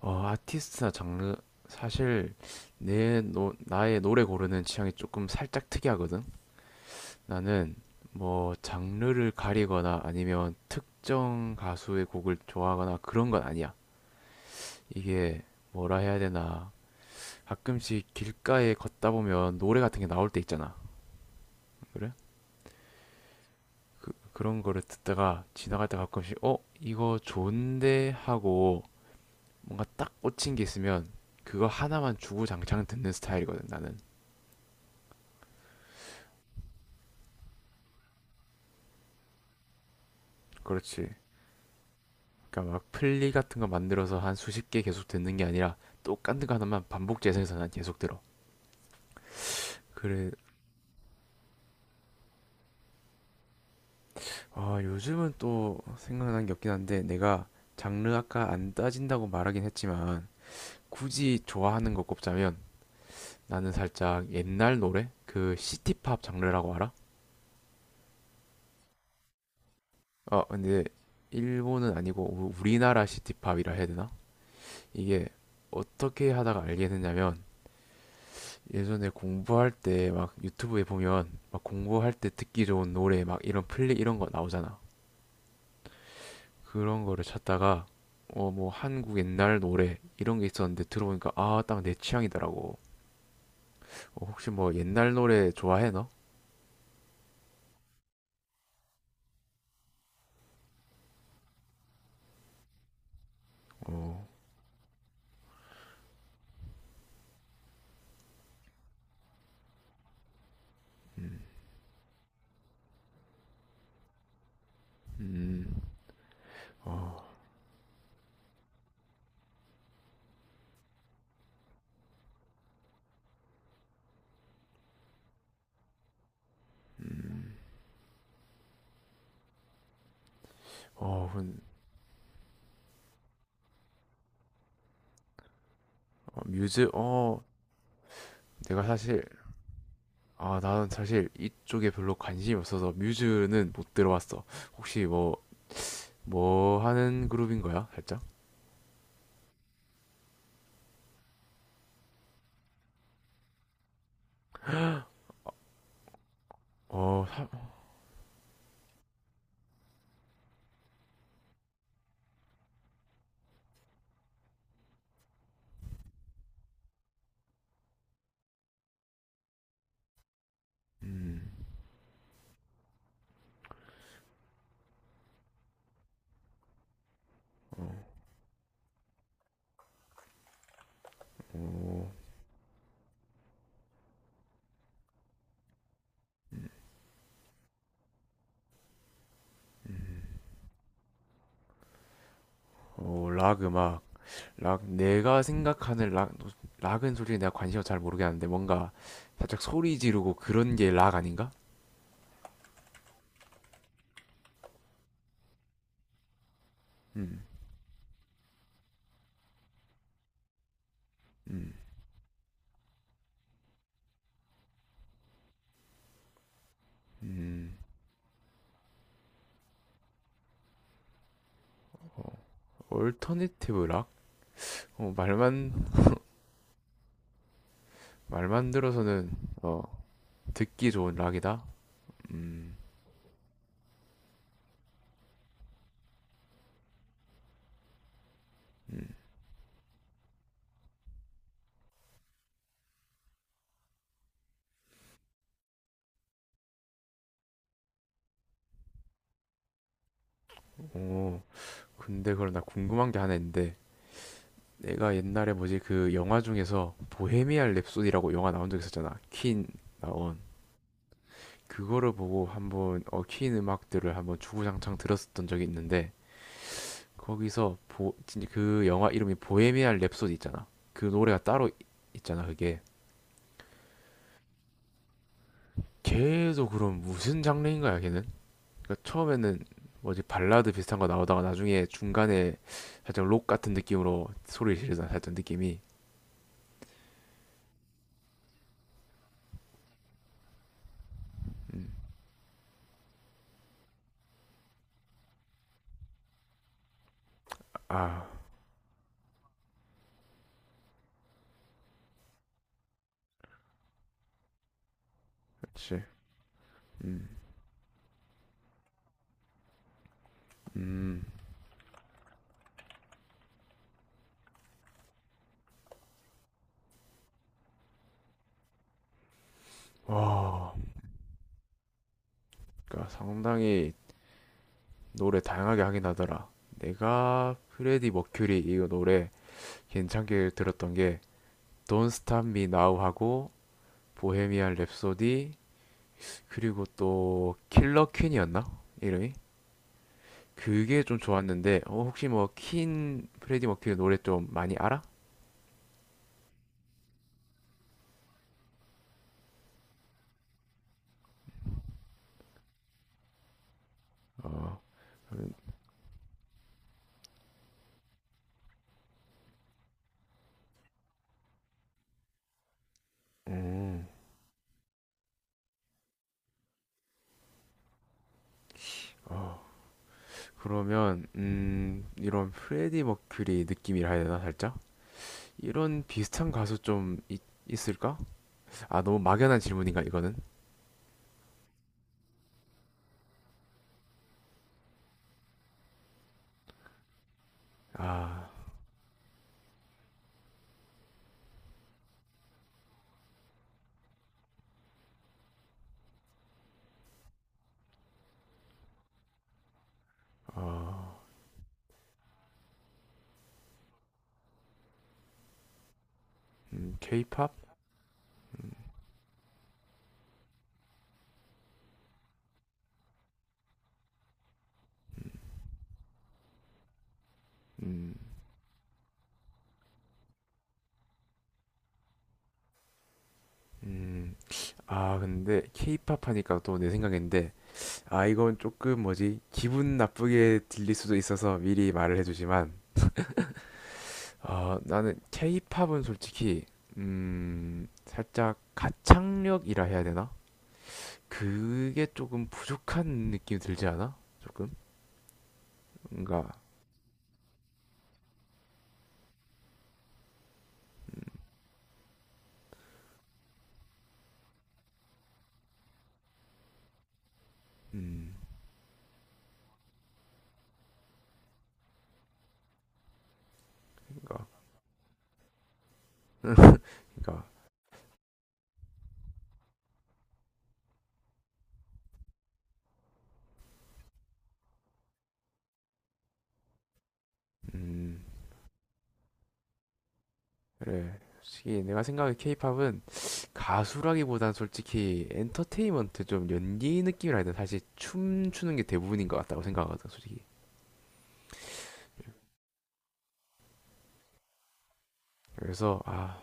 아티스트나 장르 사실 나의 노래 고르는 취향이 조금 살짝 특이하거든. 나는 뭐 장르를 가리거나 아니면 특정 가수의 곡을 좋아하거나 그런 건 아니야. 이게 뭐라 해야 되나. 가끔씩 길가에 걷다 보면 노래 같은 게 나올 때 있잖아. 그래? 그런 거를 듣다가 지나갈 때 가끔씩 이거 좋은데 하고 뭔가 딱 꽂힌 게 있으면 그거 하나만 주구장창 듣는 스타일이거든, 나는. 그렇지. 그러니까 막 플리 같은 거 만들어서 한 수십 개 계속 듣는 게 아니라 똑같은 거 하나만 반복 재생해서 난 계속 들어. 그래. 아, 요즘은 또 생각나는 게 없긴 한데 내가 장르 아까 안 따진다고 말하긴 했지만 굳이 좋아하는 거 꼽자면 나는 살짝 옛날 노래? 그 시티팝 장르라고 알아? 어, 근데 일본은 아니고 우리나라 시티팝이라 해야 되나? 이게 어떻게 하다가 알게 됐냐면 예전에 공부할 때 막 유튜브에 보면 막 공부할 때 듣기 좋은 노래 막 이런 플리 이런 거 나오잖아. 그런 거를 찾다가 어 뭐 한국 옛날 노래 이런 게 있었는데 들어보니까 아 딱 내 취향이더라고. 어, 혹시 뭐 옛날 노래 좋아해 너? 어. 음. 음. 어. 음. 어. 그. 어, 뮤즈 어 내가 사실 아 나는 사실 이쪽에 별로 관심이 없어서 뮤즈는 못 들어봤어. 혹시 뭐 뭐 하는 그룹인 거야? 살짝? 어. 음. 어. 어. 어. 락 음악, 락, 내가 생각하는 락, 락은 솔직히 내가 관심을 잘 모르겠는데 뭔가 살짝 소리 지르고 그런 게 락 아닌가? 음. 음. 음. 어, 얼터네티브 락? 어, 말만, 말만 들어서는, 어, 듣기 좋은 락이다? 음. 음. 어, 근데 그럼 나 궁금한 게 하나 있는데, 내가 옛날에 뭐지, 그 영화 중에서 보헤미안 랩소디라고 영화 나온 적 있었잖아. 퀸 나온. 그거를 보고 한번 얽힌 음악들을 한번 주구장창 들었었던 적이 있는데 거기서 진짜 그 영화 이름이 보헤미안 랩소디 있잖아. 그 노래가 따로 있잖아. 그게 계속 그럼 무슨 장르인 거야 걔는? 그러니까 처음에는 뭐지 발라드 비슷한 거 나오다가 나중에 중간에 살짝 록 같은 느낌으로 소리를 지르잖아. 살짝 느낌이. 음. 아, 그렇지. 음. 음. 와. 그러니까 상당히 노래 다양하게 하긴 하더라. 내가 프레디 머큐리 이거 노래 괜찮게 들었던 게 Don't Stop Me Now 하고 보헤미안 랩소디 그리고 또 킬러 퀸이었나? 이름이? 그게 좀 좋았는데 어, 혹시 뭐 퀸 프레디 머큐리 노래 좀 많이 알아? 어. 음. 어. 그러면 이런 프레디 머큐리 느낌이라 해야 되나 살짝? 이런 비슷한 가수 좀 있, 있을까? 아 너무 막연한 질문인가 이거는? 아. 어. 음. K-pop? 음. 음. 음. 아, 근데 케이팝 하니까 또 내 생각인데, 아, 이건 조금 뭐지, 기분 나쁘게 들릴 수도 있어서 미리 말을 해주지만, 아, 나는 케이팝은 솔직히, 살짝 가창력이라 해야 되나? 그게 조금 부족한 느낌이 들지 않아? 조금? 그러니까. 음. 그러니까. 그러니까. 음. 그래. 솔직히 내가 생각해 케이팝은 가수라기보단 솔직히 엔터테인먼트 좀 연기 느낌이라 해야 되나? 사실 춤추는 게 대부분인 것 같다고 생각하거든, 솔직히. 그래서 아,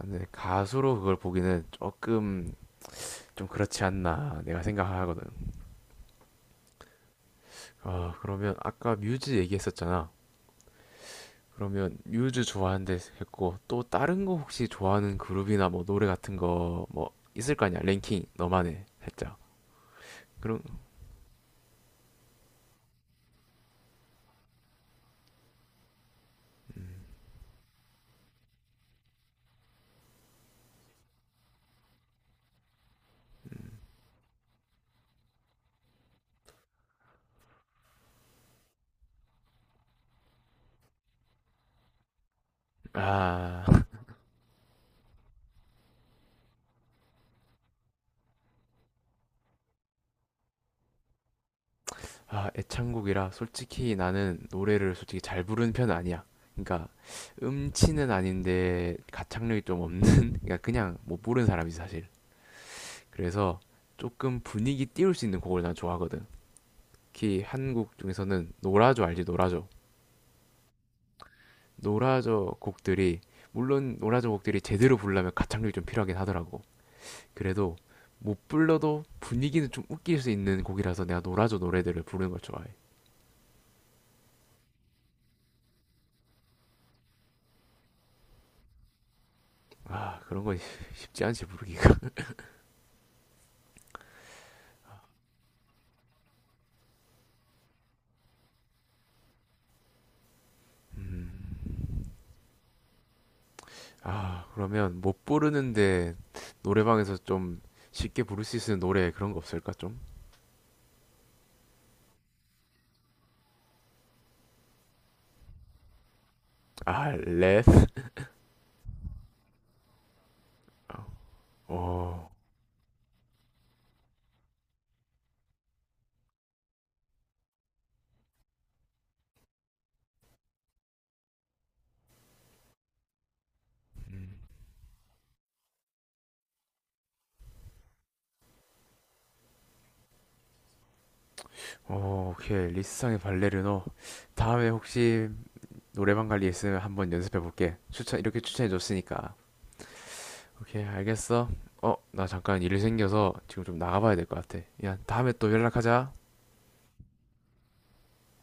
근데 가수로 그걸 보기는 조금 좀 그렇지 않나 내가 생각하거든. 아, 그러면 아까 뮤즈 얘기했었잖아. 그러면 뮤즈 좋아하는데 했고 또 다른 거 혹시 좋아하는 그룹이나 뭐 노래 같은 거 뭐 있을 거 아니야? 랭킹 너만의 살짝. 그럼 음, 아 아, 애창곡이라 솔직히 나는 노래를 솔직히 잘 부르는 편은 아니야. 그러니까 음치는 아닌데 가창력이 좀 없는 그러니까 그냥 못 부르는 사람이지 사실. 그래서 조금 분위기 띄울 수 있는 곡을 난 좋아하거든. 특히 한국 중에서는 노라조 알지? 노라조. 노라조 곡들이 물론 노라조 곡들이 제대로 부르려면 가창력이 좀 필요하긴 하더라고. 그래도 못 불러도 분위기는 좀 웃길 수 있는 곡이라서 내가 노라조 노래들을 부르는 걸 좋아해. 아, 그런 건 쉽지 않지 부르기가. 음. 아, 그러면 못 부르는데 노래방에서 좀 쉽게 부를 수 있는 노래 그런 거 없을까 좀? 아, 렛. 어. 음. 어, 오케이. 리스상의 발레르노. 다음에 혹시 노래방 관리 있으면 한번 연습해 볼게. 추천, 이렇게 추천해 줬으니까. 오케이, 알겠어. 어, 나 잠깐 일이 생겨서 지금 좀 나가봐야 될 것 같아. 야, 다음에 또 연락하자.